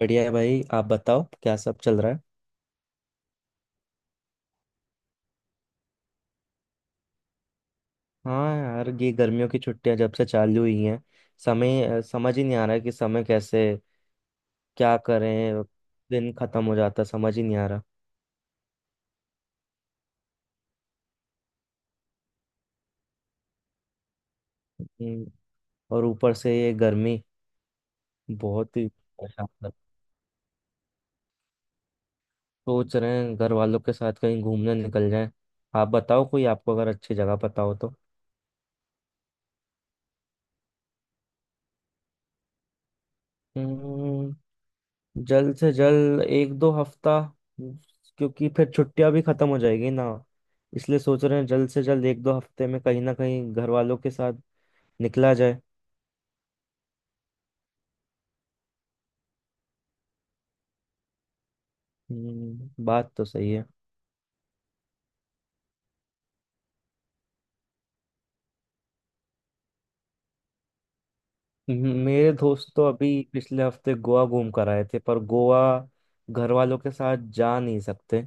बढ़िया है भाई। आप बताओ क्या सब चल रहा है। हाँ यार, ये गर्मियों की छुट्टियां जब से चालू हुई हैं, समय समझ ही नहीं आ रहा है कि समय कैसे, क्या करें। दिन खत्म हो जाता है, समझ ही नहीं आ रहा। हम्म। और ऊपर से ये गर्मी बहुत ही परेशान कर। सोच रहे हैं घर वालों के साथ कहीं घूमने निकल जाएं। आप बताओ कोई आपको अगर अच्छी जगह पता हो तो। हम्म। जल्द से जल्द एक दो हफ्ता, क्योंकि फिर छुट्टियां भी खत्म हो जाएगी ना। इसलिए सोच रहे हैं जल्द से जल्द एक दो हफ्ते में कहीं ना कहीं घर वालों के साथ निकला जाए। बात तो सही है। मेरे दोस्त तो अभी पिछले हफ्ते गोवा घूम कर आए थे, पर गोवा घर वालों के साथ जा नहीं सकते।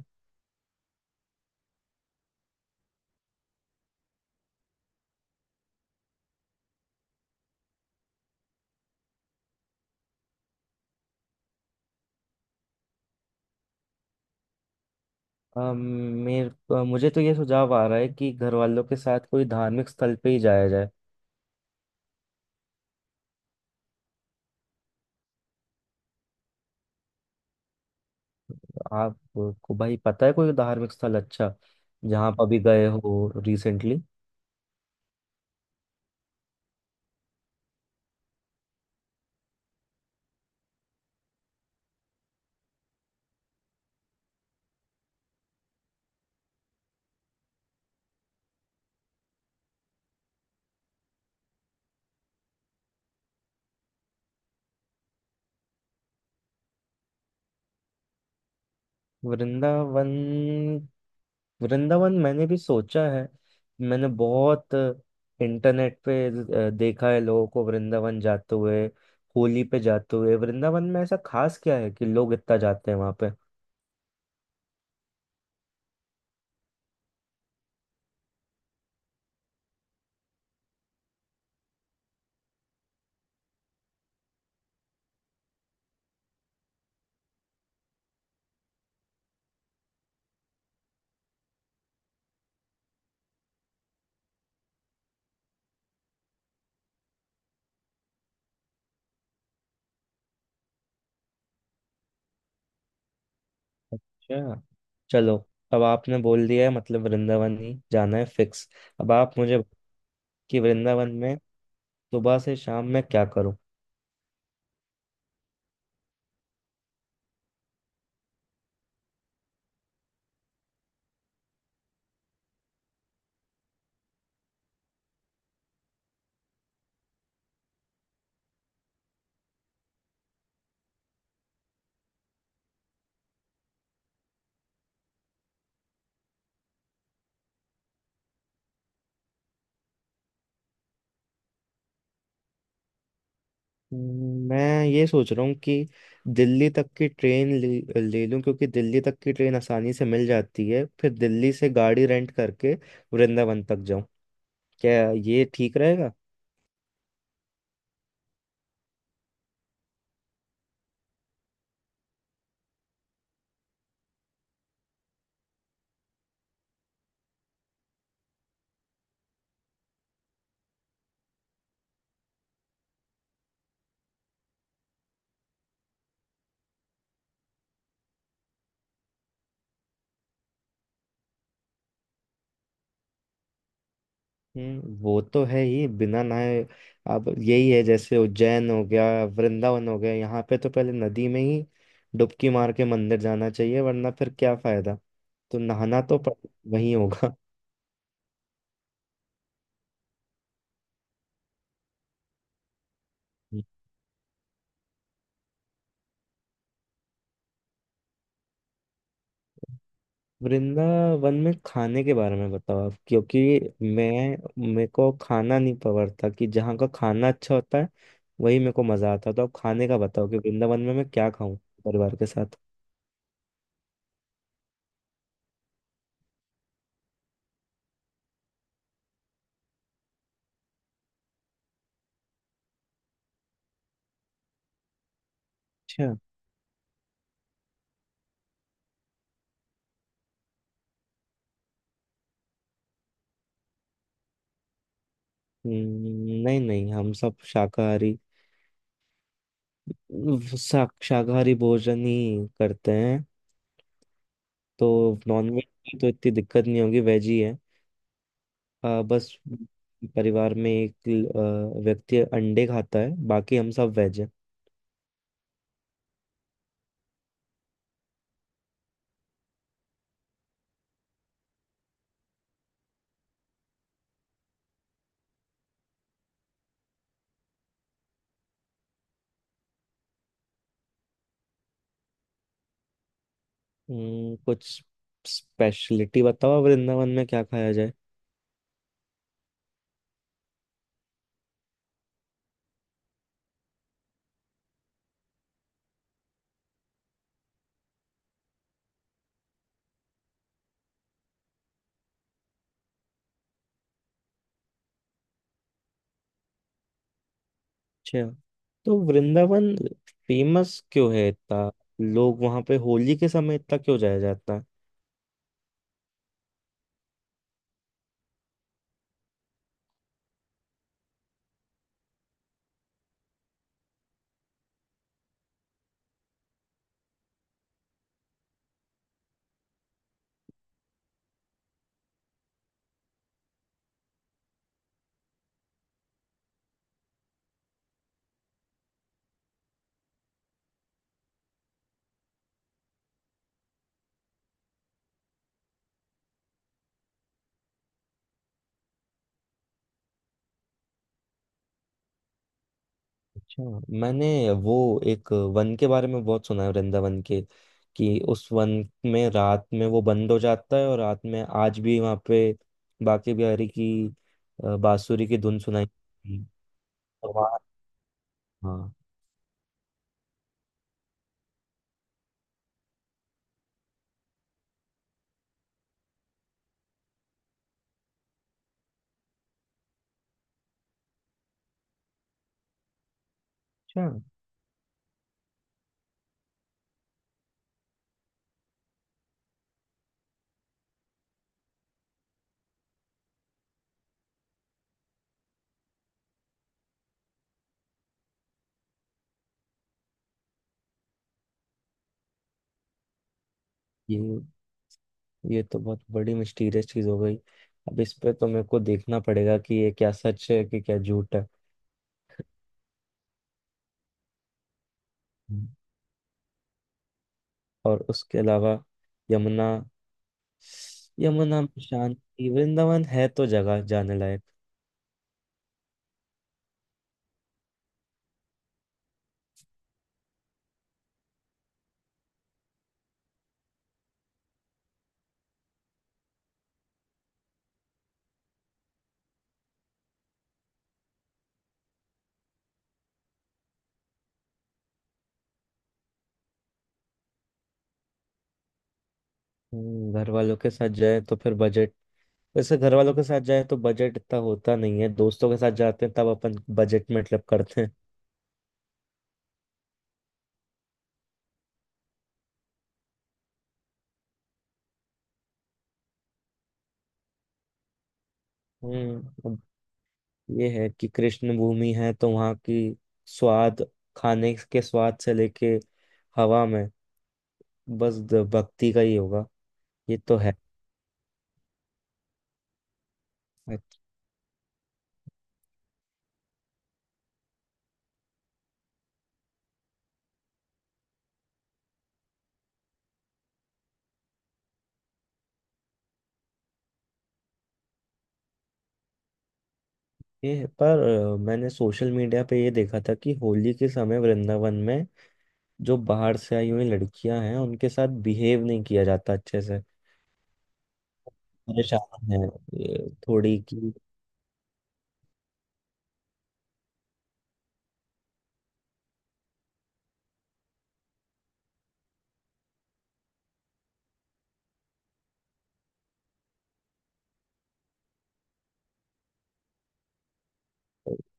अम, मेरे, मुझे तो ये सुझाव आ रहा है कि घर वालों के साथ कोई धार्मिक स्थल पे ही जाया जाए। आपको भाई पता है कोई धार्मिक स्थल अच्छा, जहाँ आप अभी गए हो रिसेंटली। वृंदावन, वृंदावन मैंने भी सोचा है। मैंने बहुत इंटरनेट पे देखा है लोगों को वृंदावन जाते हुए, होली पे जाते हुए। वृंदावन में ऐसा खास क्या है कि लोग इतना जाते हैं वहां पे। अच्छा, चलो। अब आपने बोल दिया है मतलब वृंदावन ही जाना है फिक्स। अब आप मुझे कि वृंदावन में सुबह से शाम में क्या करूं। मैं ये सोच रहा हूँ कि दिल्ली तक की ट्रेन ले लूँ, क्योंकि दिल्ली तक की ट्रेन आसानी से मिल जाती है, फिर दिल्ली से गाड़ी रेंट करके वृंदावन तक जाऊँ। क्या ये ठीक रहेगा। हम्म, वो तो है ही। बिना नहाए, अब यही है जैसे उज्जैन हो गया, वृंदावन हो गया, यहाँ पे तो पहले नदी में ही डुबकी मार के मंदिर जाना चाहिए, वरना फिर क्या फायदा। तो नहाना तो वहीं होगा। वृंदावन में खाने के बारे में बताओ आप, क्योंकि मैं, मेरे को खाना नहीं पकड़ता कि जहाँ का खाना अच्छा होता है वही मेरे को मजा आता है। तो आप खाने का बताओ कि वृंदावन में मैं क्या खाऊं परिवार के साथ। अच्छा। नहीं नहीं, हम सब शाकाहारी, शाकाहारी भोजन ही करते हैं। तो नॉनवेज की तो इतनी दिक्कत नहीं होगी, वेज ही है। बस परिवार में एक व्यक्ति अंडे खाता है, बाकी हम सब वेज हैं। कुछ स्पेशलिटी बताओ वृंदावन में क्या खाया जाए। अच्छा, तो वृंदावन फेमस क्यों है इतना। लोग वहां पे होली के समय इतना क्यों जाया जाता है। अच्छा, मैंने वो एक वन के बारे में बहुत सुना है वृंदावन के, कि उस वन में रात में वो बंद हो जाता है और रात में आज भी वहाँ पे बांके बिहारी की बांसुरी की धुन सुनाई देती है। और वहाँ, हाँ। अच्छा, ये ये तो बहुत बड़ी मिस्टीरियस चीज हो गई। अब इस पे तो मेरे को देखना पड़ेगा कि ये क्या सच है कि क्या झूठ है। हम्म। और उसके अलावा यमुना, यमुना में शांति, वृंदावन है तो जगह जाने लायक। घर वालों के साथ जाए तो फिर बजट, वैसे घर वालों के साथ जाए तो बजट इतना होता नहीं है, दोस्तों के साथ जाते हैं तब अपन बजट में मतलब करते हैं। हम्म। अब ये है कि कृष्ण भूमि है, तो वहाँ की स्वाद, खाने के स्वाद से लेके हवा में बस भक्ति का ही होगा। ये तो है। अच्छे, पर मैंने सोशल मीडिया पे ये देखा था कि होली के समय वृंदावन में जो बाहर से आई हुई लड़कियां हैं उनके साथ बिहेव नहीं किया जाता अच्छे से। परेशान है ये थोड़ी कि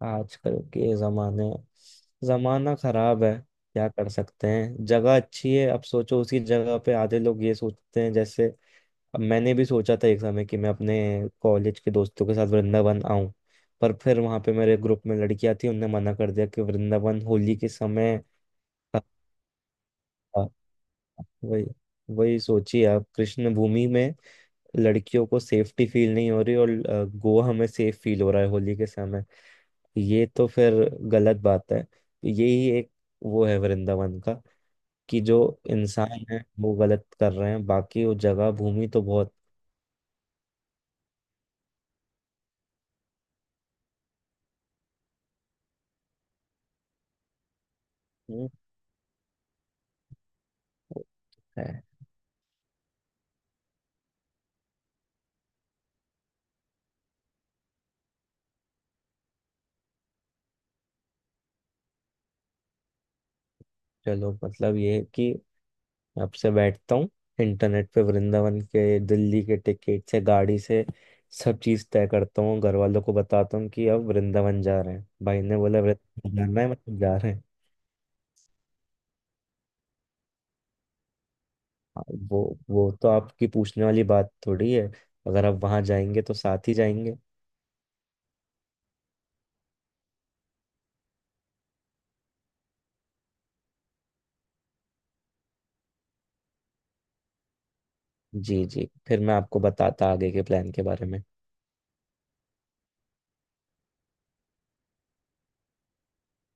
आजकल के जमाने, जमाना खराब है, क्या कर सकते हैं। जगह अच्छी है, अब सोचो उसी जगह पे आधे लोग ये सोचते हैं जैसे। अब मैंने भी सोचा था एक समय कि मैं अपने कॉलेज के दोस्तों के साथ वृंदावन आऊं, पर फिर वहां पे मेरे ग्रुप में लड़कियां थी, उनने मना कर दिया कि वृंदावन होली के समय। हाँ, वही वही सोचिए, आप कृष्ण भूमि में लड़कियों को सेफ्टी फील नहीं हो रही, और गोवा हमें सेफ फील हो रहा है होली के समय। ये तो फिर गलत बात है। यही एक वो है वृंदावन का, कि जो इंसान है वो गलत कर रहे हैं, बाकी वो जगह भूमि तो बहुत। हम्म, है। चलो मतलब ये है कि अब से बैठता हूँ इंटरनेट पे, वृंदावन के, दिल्ली के टिकट से, गाड़ी से, सब चीज़ तय करता हूँ, घर वालों को बताता हूँ कि अब वृंदावन जा रहे हैं, भाई ने बोला वृंदावन जाना है मतलब जा रहे हैं। हाँ, वो तो आपकी पूछने वाली बात थोड़ी है, अगर आप वहाँ जाएंगे तो साथ ही जाएंगे। जी जी, फिर मैं आपको बताता आगे के प्लान के बारे में।